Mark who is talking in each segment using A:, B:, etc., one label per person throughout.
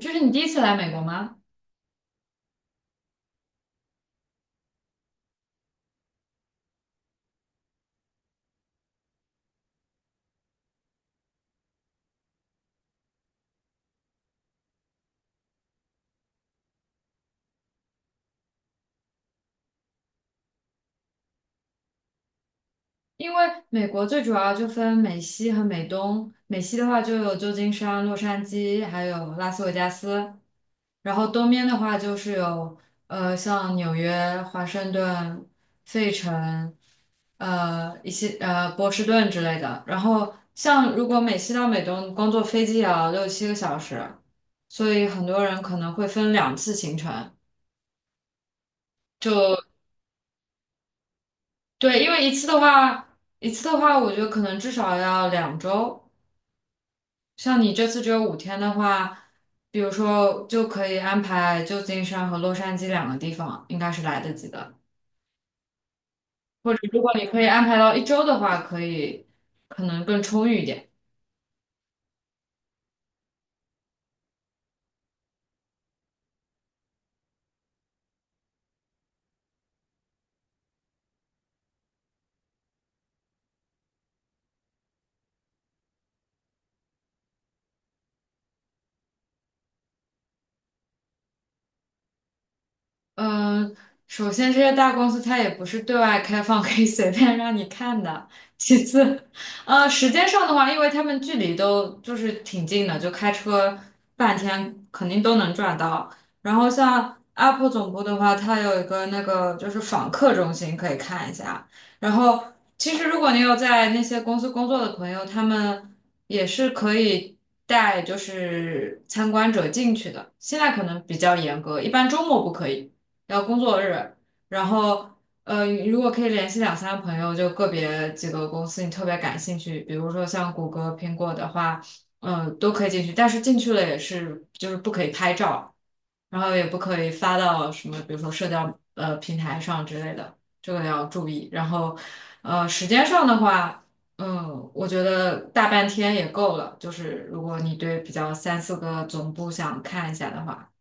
A: 这是你第一次来美国吗？因为美国最主要就分美西和美东，美西的话就有旧金山、洛杉矶，还有拉斯维加斯，然后东边的话就是有像纽约、华盛顿、费城，一些波士顿之类的。然后像如果美西到美东，光坐飞机也要六七个小时，所以很多人可能会分2次行程，就对，因为一次的话，我觉得可能至少要2周。像你这次只有5天的话，比如说就可以安排旧金山和洛杉矶2个地方，应该是来得及的。或者如果你可以安排到一周的话，可能更充裕一点。嗯，首先这些大公司它也不是对外开放，可以随便让你看的。其次，时间上的话，因为他们距离都就是挺近的，就开车半天肯定都能转到。然后像 Apple 总部的话，它有一个那个就是访客中心可以看一下。然后其实如果你有在那些公司工作的朋友，他们也是可以带就是参观者进去的。现在可能比较严格，一般周末不可以。要工作日，然后如果可以联系两三个朋友，就个别几个公司你特别感兴趣，比如说像谷歌、苹果的话，嗯、都可以进去，但是进去了也是就是不可以拍照，然后也不可以发到什么，比如说社交平台上之类的，这个要注意。然后时间上的话。嗯，我觉得大半天也够了。就是如果你对比较三四个总部想看一下的话，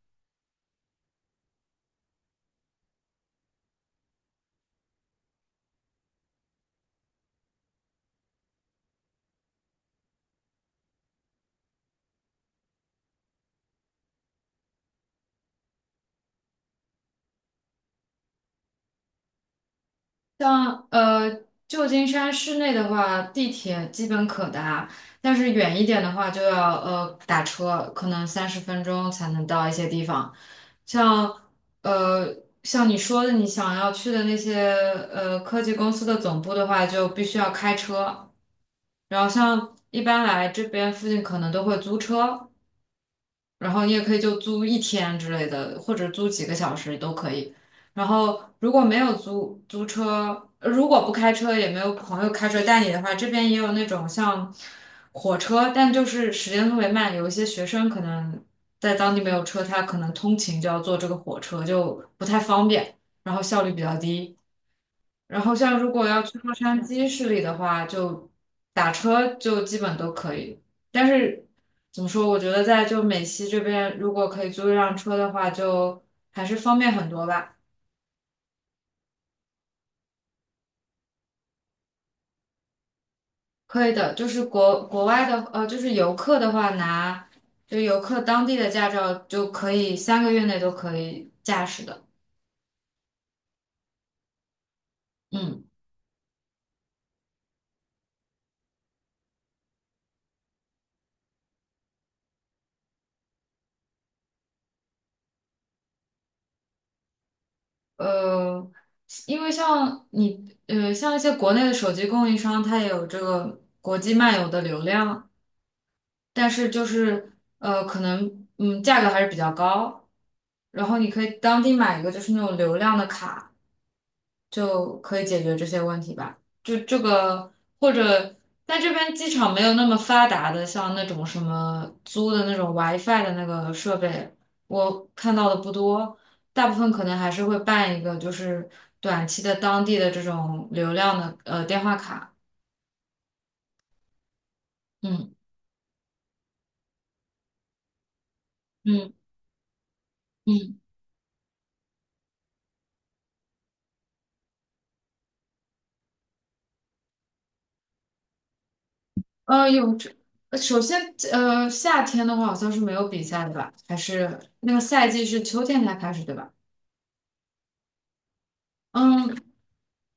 A: 像旧金山市内的话，地铁基本可达，但是远一点的话就要打车，可能30分钟才能到一些地方。像呃像你说的，你想要去的那些科技公司的总部的话，就必须要开车。然后像一般来这边附近可能都会租车，然后你也可以就租一天之类的，或者租几个小时都可以。然后如果没有租车，如果不开车，也没有朋友开车带你的话，这边也有那种像火车，但就是时间特别慢。有一些学生可能在当地没有车，他可能通勤就要坐这个火车，就不太方便，然后效率比较低。然后像如果要去洛杉矶市里的话，就打车就基本都可以。但是怎么说，我觉得在就美西这边，如果可以租一辆车的话，就还是方便很多吧。可以的，就是国外的就是游客的话拿就游客当地的驾照就可以3个月内都可以驾驶的。嗯，呃，因为像你像一些国内的手机供应商，它也有这个国际漫游的流量。但是就是可能价格还是比较高。然后你可以当地买一个就是那种流量的卡，就可以解决这些问题吧。就这个或者但这边机场没有那么发达的，像那种什么租的那种 WiFi 的那个设备，我看到的不多，大部分可能还是会办一个就是短期的当地的这种流量的电话卡。嗯嗯嗯。有这，首先，夏天的话好像是没有比赛的吧？还是那个赛季是秋天才开始，对吧？嗯，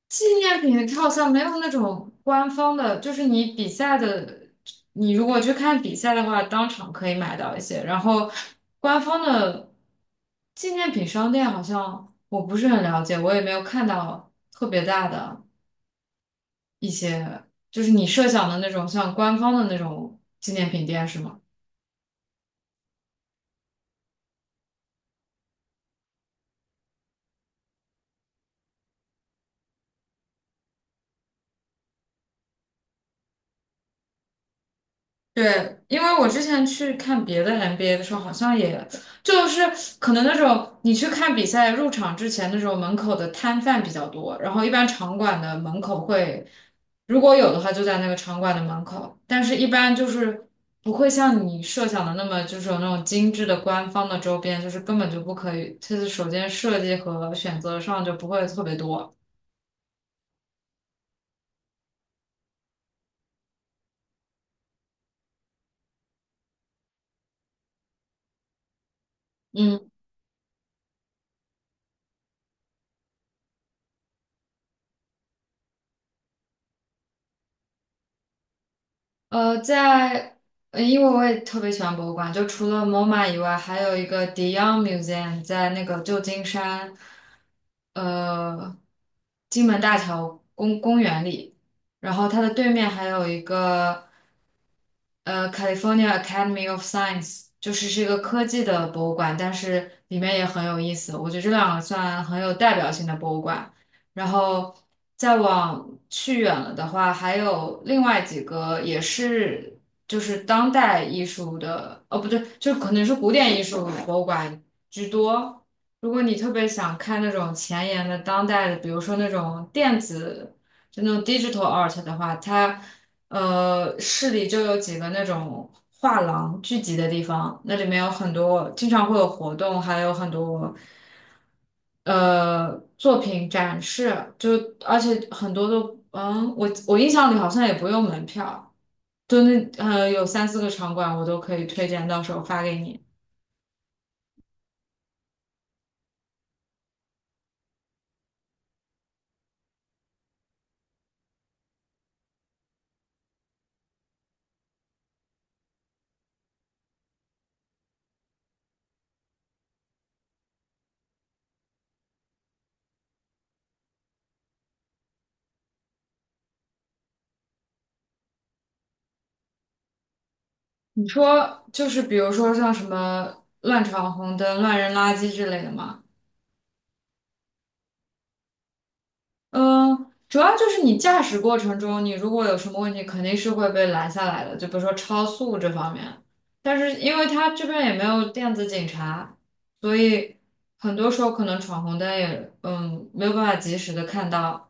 A: 纪念品它好像没有那种官方的，就是你比赛的，你如果去看比赛的话，当场可以买到一些。然后官方的纪念品商店好像我不是很了解，我也没有看到特别大的，呃就是你设想的那种像官方的那种纪念品店是吗？对，因为我之前去看别的 NBA 的时候，好像也就是可能那种你去看比赛入场之前那种门口的摊贩比较多，然后一般场馆的门口会，如果有的话就在那个场馆的门口，但是一般就是不会像你设想的那么就是有那种精致的官方的周边，就是根本就不可以，就是首先设计和选择上就不会特别多。嗯。在英国我也特别喜欢博物馆，就除了 MoMA 以外，还有一个 De Young Museum 在那个旧金山，呃，金门大桥公园里，然后它的对面还有一个California Academy of Science，就是一个科技的博物馆，但是里面也很有意思，我觉得这两个算很有代表性的博物馆。然后再往去远了的话，还有另外几个也是就是当代艺术的，哦，不对，就可能是古典艺术博物馆居多。如果你特别想看那种前沿的当代的，比如说那种电子，就那种 digital art 的话，它市里就有几个那种画廊聚集的地方，那里面有很多，经常会有活动，还有很多作品展示，就而且很多都，嗯，我印象里好像也不用门票，就那有三四个场馆我都可以推荐，到时候发给你。你说就是比如说像什么乱闯红灯、乱扔垃圾之类的吗？嗯，主要就是你驾驶过程中，你如果有什么问题，肯定是会被拦下来的，就比如说超速这方面。但是因为他这边也没有电子警察，所以很多时候可能闯红灯也没有办法及时的看到。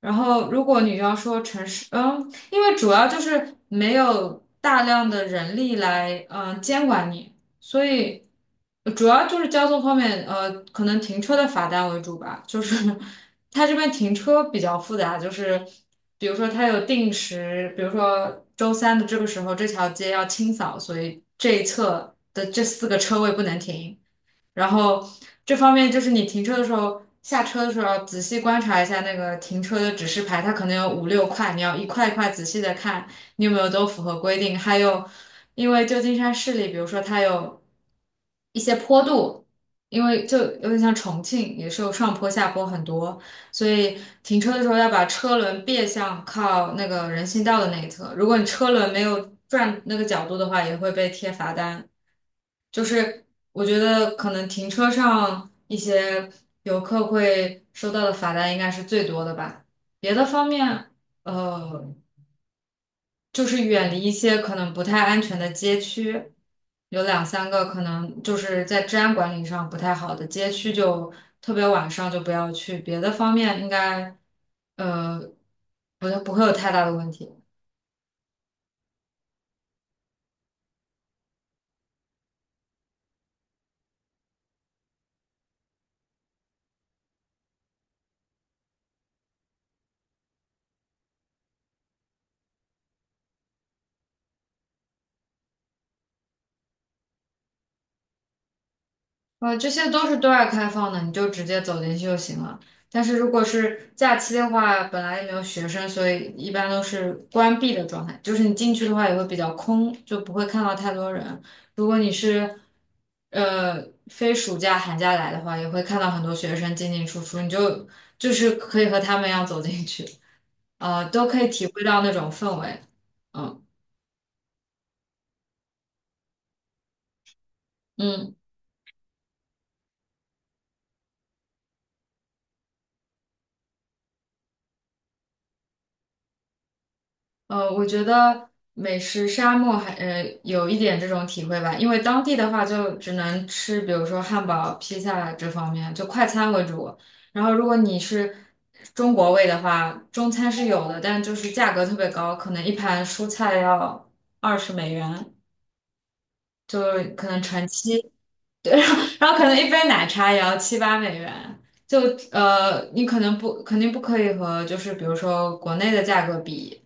A: 然后如果你要说城市，嗯，因为主要就是没有大量的人力来监管你。所以主要就是交通方面，可能停车的罚单为主吧。就是 它这边停车比较复杂，就是比如说它有定时，比如说周三的这个时候这条街要清扫，所以这一侧的这4个车位不能停。然后这方面就是你停车的时候，下车的时候要仔细观察一下那个停车的指示牌，它可能有五六块，你要一块一块仔细的看你有没有都符合规定。还有，因为旧金山市里，比如说它有一些坡度，因为就有点像重庆，也是有上坡下坡很多，所以停车的时候要把车轮别向靠那个人行道的那一侧。如果你车轮没有转那个角度的话，也会被贴罚单。就是我觉得可能停车上一些游客会收到的罚单应该是最多的吧。别的方面，呃，就是远离一些可能不太安全的街区，有两三个可能就是在治安管理上不太好的街区就特别晚上就不要去。别的方面应该，呃，不会有太大的问题。这些都是对外开放的，你就直接走进去就行了。但是如果是假期的话，本来也没有学生，所以一般都是关闭的状态。就是你进去的话也会比较空，就不会看到太多人。如果你是非暑假寒假来的话，也会看到很多学生进进出出，就是可以和他们一样走进去，都可以体会到那种氛围。嗯嗯。我觉得美食沙漠还有一点这种体会吧，因为当地的话就只能吃，比如说汉堡、披萨这方面，就快餐为主。然后如果你是中国胃的话，中餐是有的，但就是价格特别高，可能一盘蔬菜要20美元，就可能乘七。然后可能一杯奶茶也要七八美元，就你可能不肯定不可以和就是比如说国内的价格比，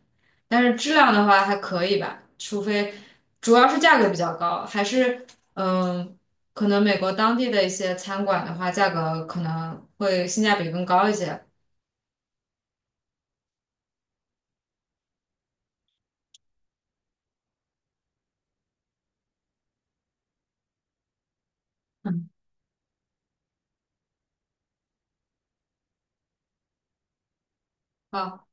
A: 但是质量的话还可以吧，除非主要是价格比较高，还是嗯、可能美国当地的一些餐馆的话，价格可能会性价比更高一些。嗯，好。